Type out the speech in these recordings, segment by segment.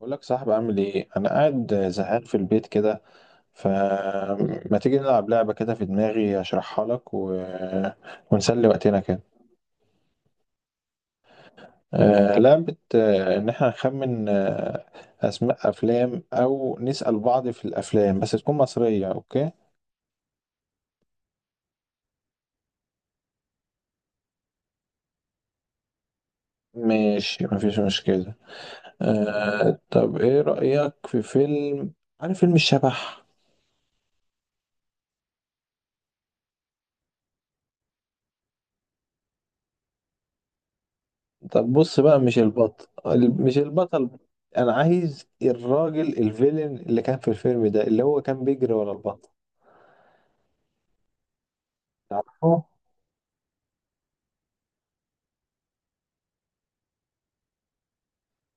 بقول لك صاحبي، عامل ايه؟ انا قاعد زهقان في البيت كده. فما تيجي نلعب لعبة كده في دماغي اشرحها لك ونسلي وقتنا كده. لعبة، ان احنا نخمن اسماء افلام او نسأل بعض في الافلام، بس تكون مصرية. اوكي، ماشي، مفيش مشكلة. طب ايه رأيك في فيلم؟ عارف فيلم الشبح؟ طب بص بقى، مش البطل مش البطل. انا عايز الراجل الفيلن اللي كان في الفيلم ده، اللي هو كان بيجري ورا البطل. تعرفه؟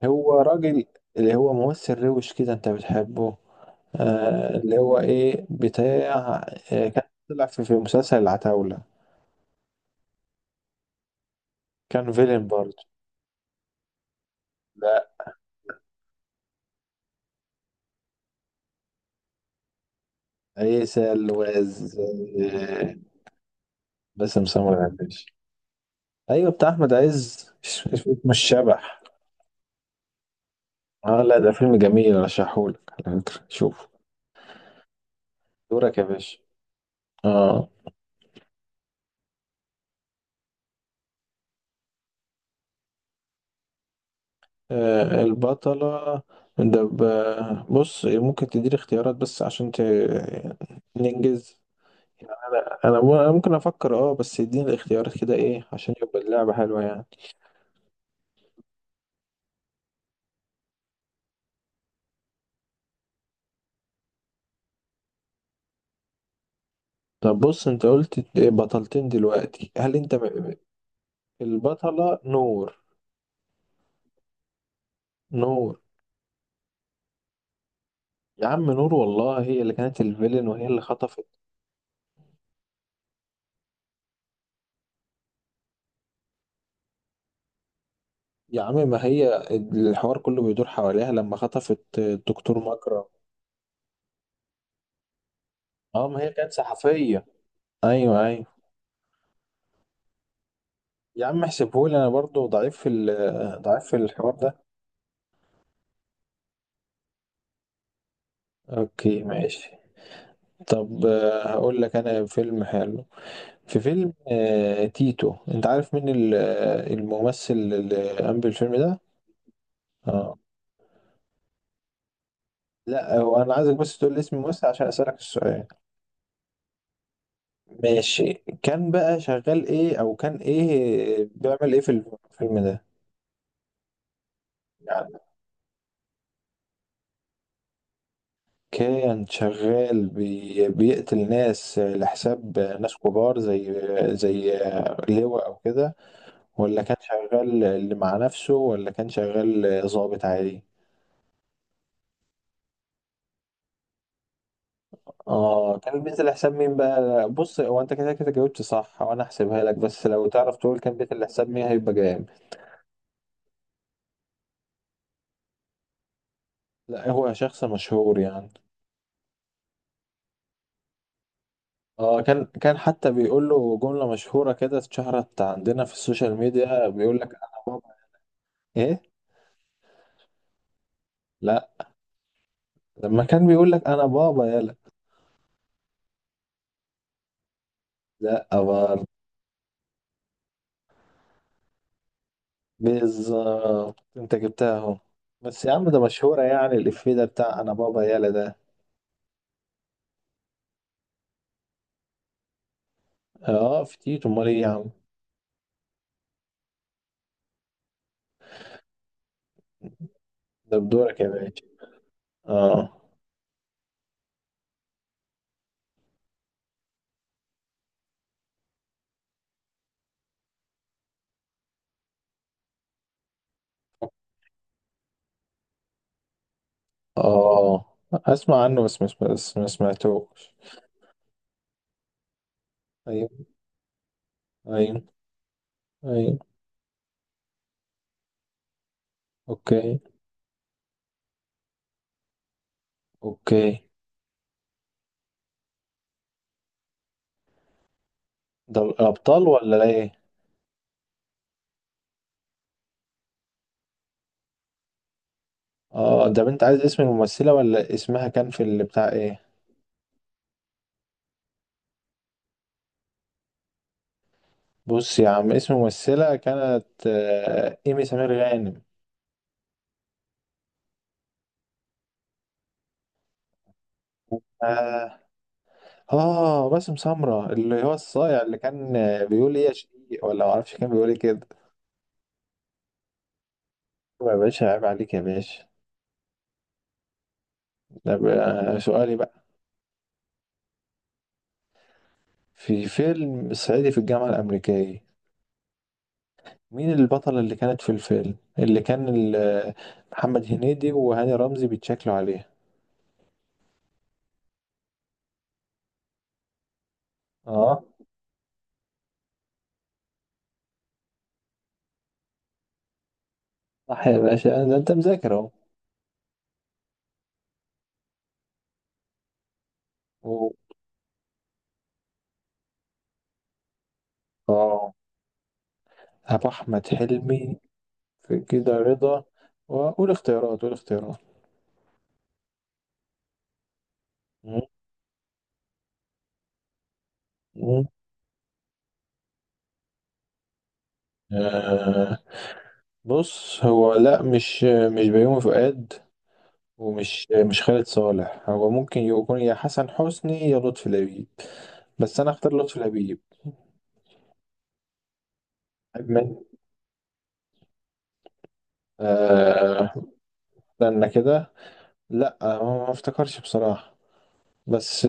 هو راجل، اللي هو ممثل روش كده انت بتحبه. اللي هو ايه، بتاع. كان طلع في مسلسل العتاولة. كان فيلن برضه. لا. عيسى الواز. آه. باسم سمرة، عباس. ايوه بتاع احمد عز، مش. مش شبح. اه لا، ده فيلم جميل ارشحهولك على فكرة. شوف. دورك يا باشا. اه. البطلة. ده بص، ممكن تديني اختيارات بس عشان ننجز. يعني أنا ممكن افكر، اه، بس اديني الاختيارات كده ايه عشان يبقى اللعبة حلوة يعني. طب بص، انت قلت بطلتين دلوقتي، هل انت البطلة نور. نور، يا عم نور والله، هي اللي كانت الفيلن وهي اللي خطفت. يا عم، ما هي الحوار كله بيدور حواليها لما خطفت الدكتور مكرم. اه ما هي كانت صحفية. ايوه ايوه. يا عم احسبهولي، انا برضو ضعيف في ضعيف في الحوار ده. اوكي ماشي. طب هقول لك انا فيلم حلو. في فيلم تيتو، انت عارف مين الممثل اللي قام بالفيلم ده؟ اه. لا، هو انا عايزك بس تقول لي اسم الممثل عشان اسالك السؤال. ماشي. كان بقى شغال ايه، او كان ايه بيعمل ايه في الفيلم ده؟ يعني كان شغال بيقتل ناس لحساب ناس كبار، زي، زي لواء او كده. ولا كان شغال اللي مع نفسه، ولا كان شغال ضابط عادي؟ اه كان بينزل لحساب مين بقى؟ بص، هو انت كده كده جاوبت صح وانا هحسبها لك، بس لو تعرف تقول كان بينزل لحساب مين هيبقى جامد. لا، هو شخص مشهور يعني. اه، كان حتى بيقول له جملة مشهورة كده، اتشهرت عندنا في السوشيال ميديا، بيقول لك انا بابا. ايه؟ لا، لما كان بيقول لك انا بابا يلا. لا برضه. بالظبط، انت جبتها اهو. بس يا عم، ده مشهورة يعني، الإفيه ده بتاع أنا بابا يالا ده. اه في تيتو، أمال إيه يا عم؟ ده بدورك يا باشا. اه. اه أسمع عنه بس بس ما سمعتوش. أيوه أيوه أيوه. أوكي أوكي. ده الأبطال ولا إيه؟ اه، ده أنت عايز اسم الممثلة ولا اسمها كان في اللي بتاع إيه؟ بص يا عم، اسم الممثلة كانت إيمي سمير غانم. آه. اه، باسم سمرة، اللي هو الصايع، اللي كان بيقول ايه يا شقيق، ولا معرفش كان بيقول ايه كده. طب يا باشا، عيب عليك يا باشا. ده بقى سؤالي بقى. في فيلم صعيدي في الجامعة الأمريكية، مين البطلة اللي كانت في الفيلم، اللي كان محمد هنيدي وهاني رمزي بيتشكلوا عليها؟ اه. صح يا باشا، ده انت مذاكر اهو. و- اه، أبو أحمد حلمي في كده رضا. وقول اختيارات، قول اختيارات. مم. مم. بص هو، لا، مش بيومي فؤاد، ومش مش خالد صالح. هو ممكن يكون يا حسن حسني يا لطفي لبيب، بس انا اختار لطفي لبيب. بحب من. آه استنى كده. لا، ما افتكرش بصراحة، بس.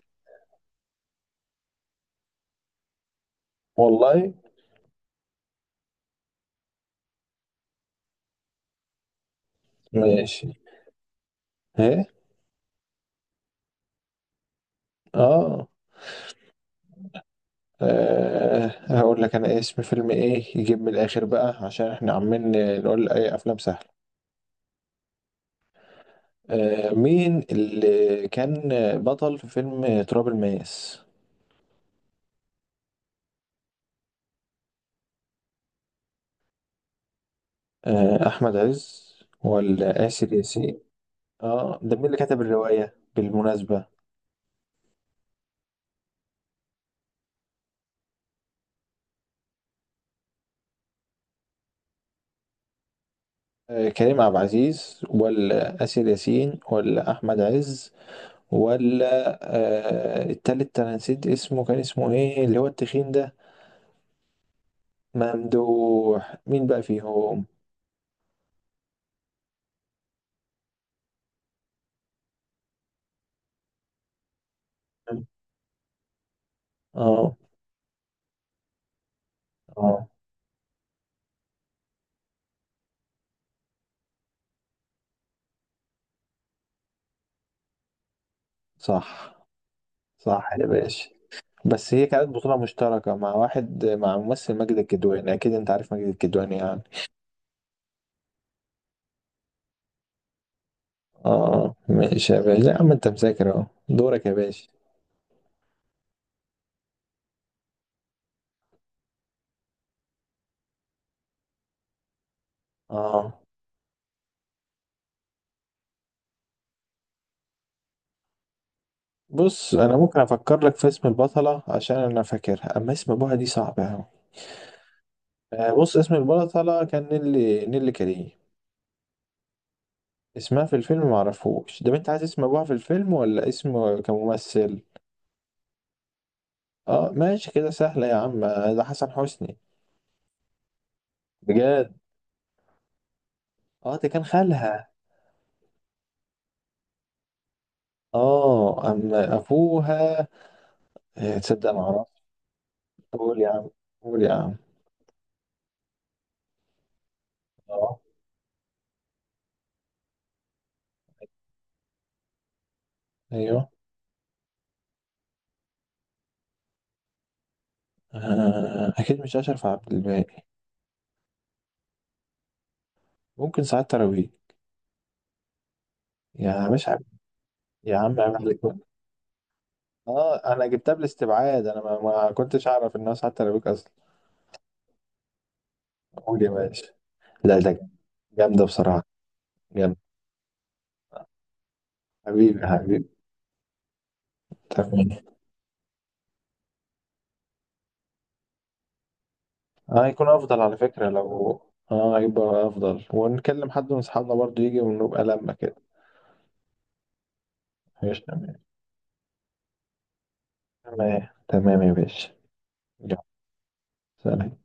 والله. ماشي ايه. اه. هقول لك انا اسم فيلم ايه يجيب من الاخر بقى، عشان احنا عمالين نقول اي افلام سهلة. مين اللي كان بطل في فيلم تراب الماس؟ أحمد عز ولا آسر ياسين؟ اه ده مين اللي كتب الرواية بالمناسبة؟ كريم عبد العزيز ولا آسر ياسين ولا أحمد عز، ولا التالت، أنا نسيت اسمه، كان اسمه إيه اللي هو التخين ده؟ ممدوح، مين بقى فيهم؟ اه. اه. صح، صح يا باشا. بس هي كانت بطولة مشتركة مع واحد، مع ممثل ماجد الكدواني، أكيد أنت عارف ماجد الكدواني يعني. اه ماشي يا باشا، لا يا عم، انت مذاكر اهو. دورك يا باشا. اه، بص، انا ممكن افكر لك في اسم البطلة عشان انا فاكرها، اما اسم ابوها دي صعبة اوي. بص، اسم البطلة كان نيلي كريم. اسمها في الفيلم معرفوش. ده انت عايز اسم ابوها في الفيلم ولا اسم كممثل؟ اه ماشي كده سهلة يا عم، ده حسن حسني. بجد؟ اه، ده كان خالها. اه اما ابوها، تصدق انا معرفش. قول يا عم قول يا عم. اه. ايوه. أكيد مش أشرف عبد الباقي. ممكن سعاد تراويح. يا باشا يا عم عيب عليك بقى. أنا جبتها بالاستبعاد، أنا ما كنتش أعرف إنها سعاد تراويح أصلا. قول يا باشا. لا ده. جامدة بصراحة. جامدة. حبيبي حبيبي. تمام. هيكون أفضل على فكرة لو، هيبقى أفضل ونكلم حد من أصحابنا برضه يجي ونبقى لمة كده. ماشي تمام. تمام تمام يا باشا. يلا. سلام.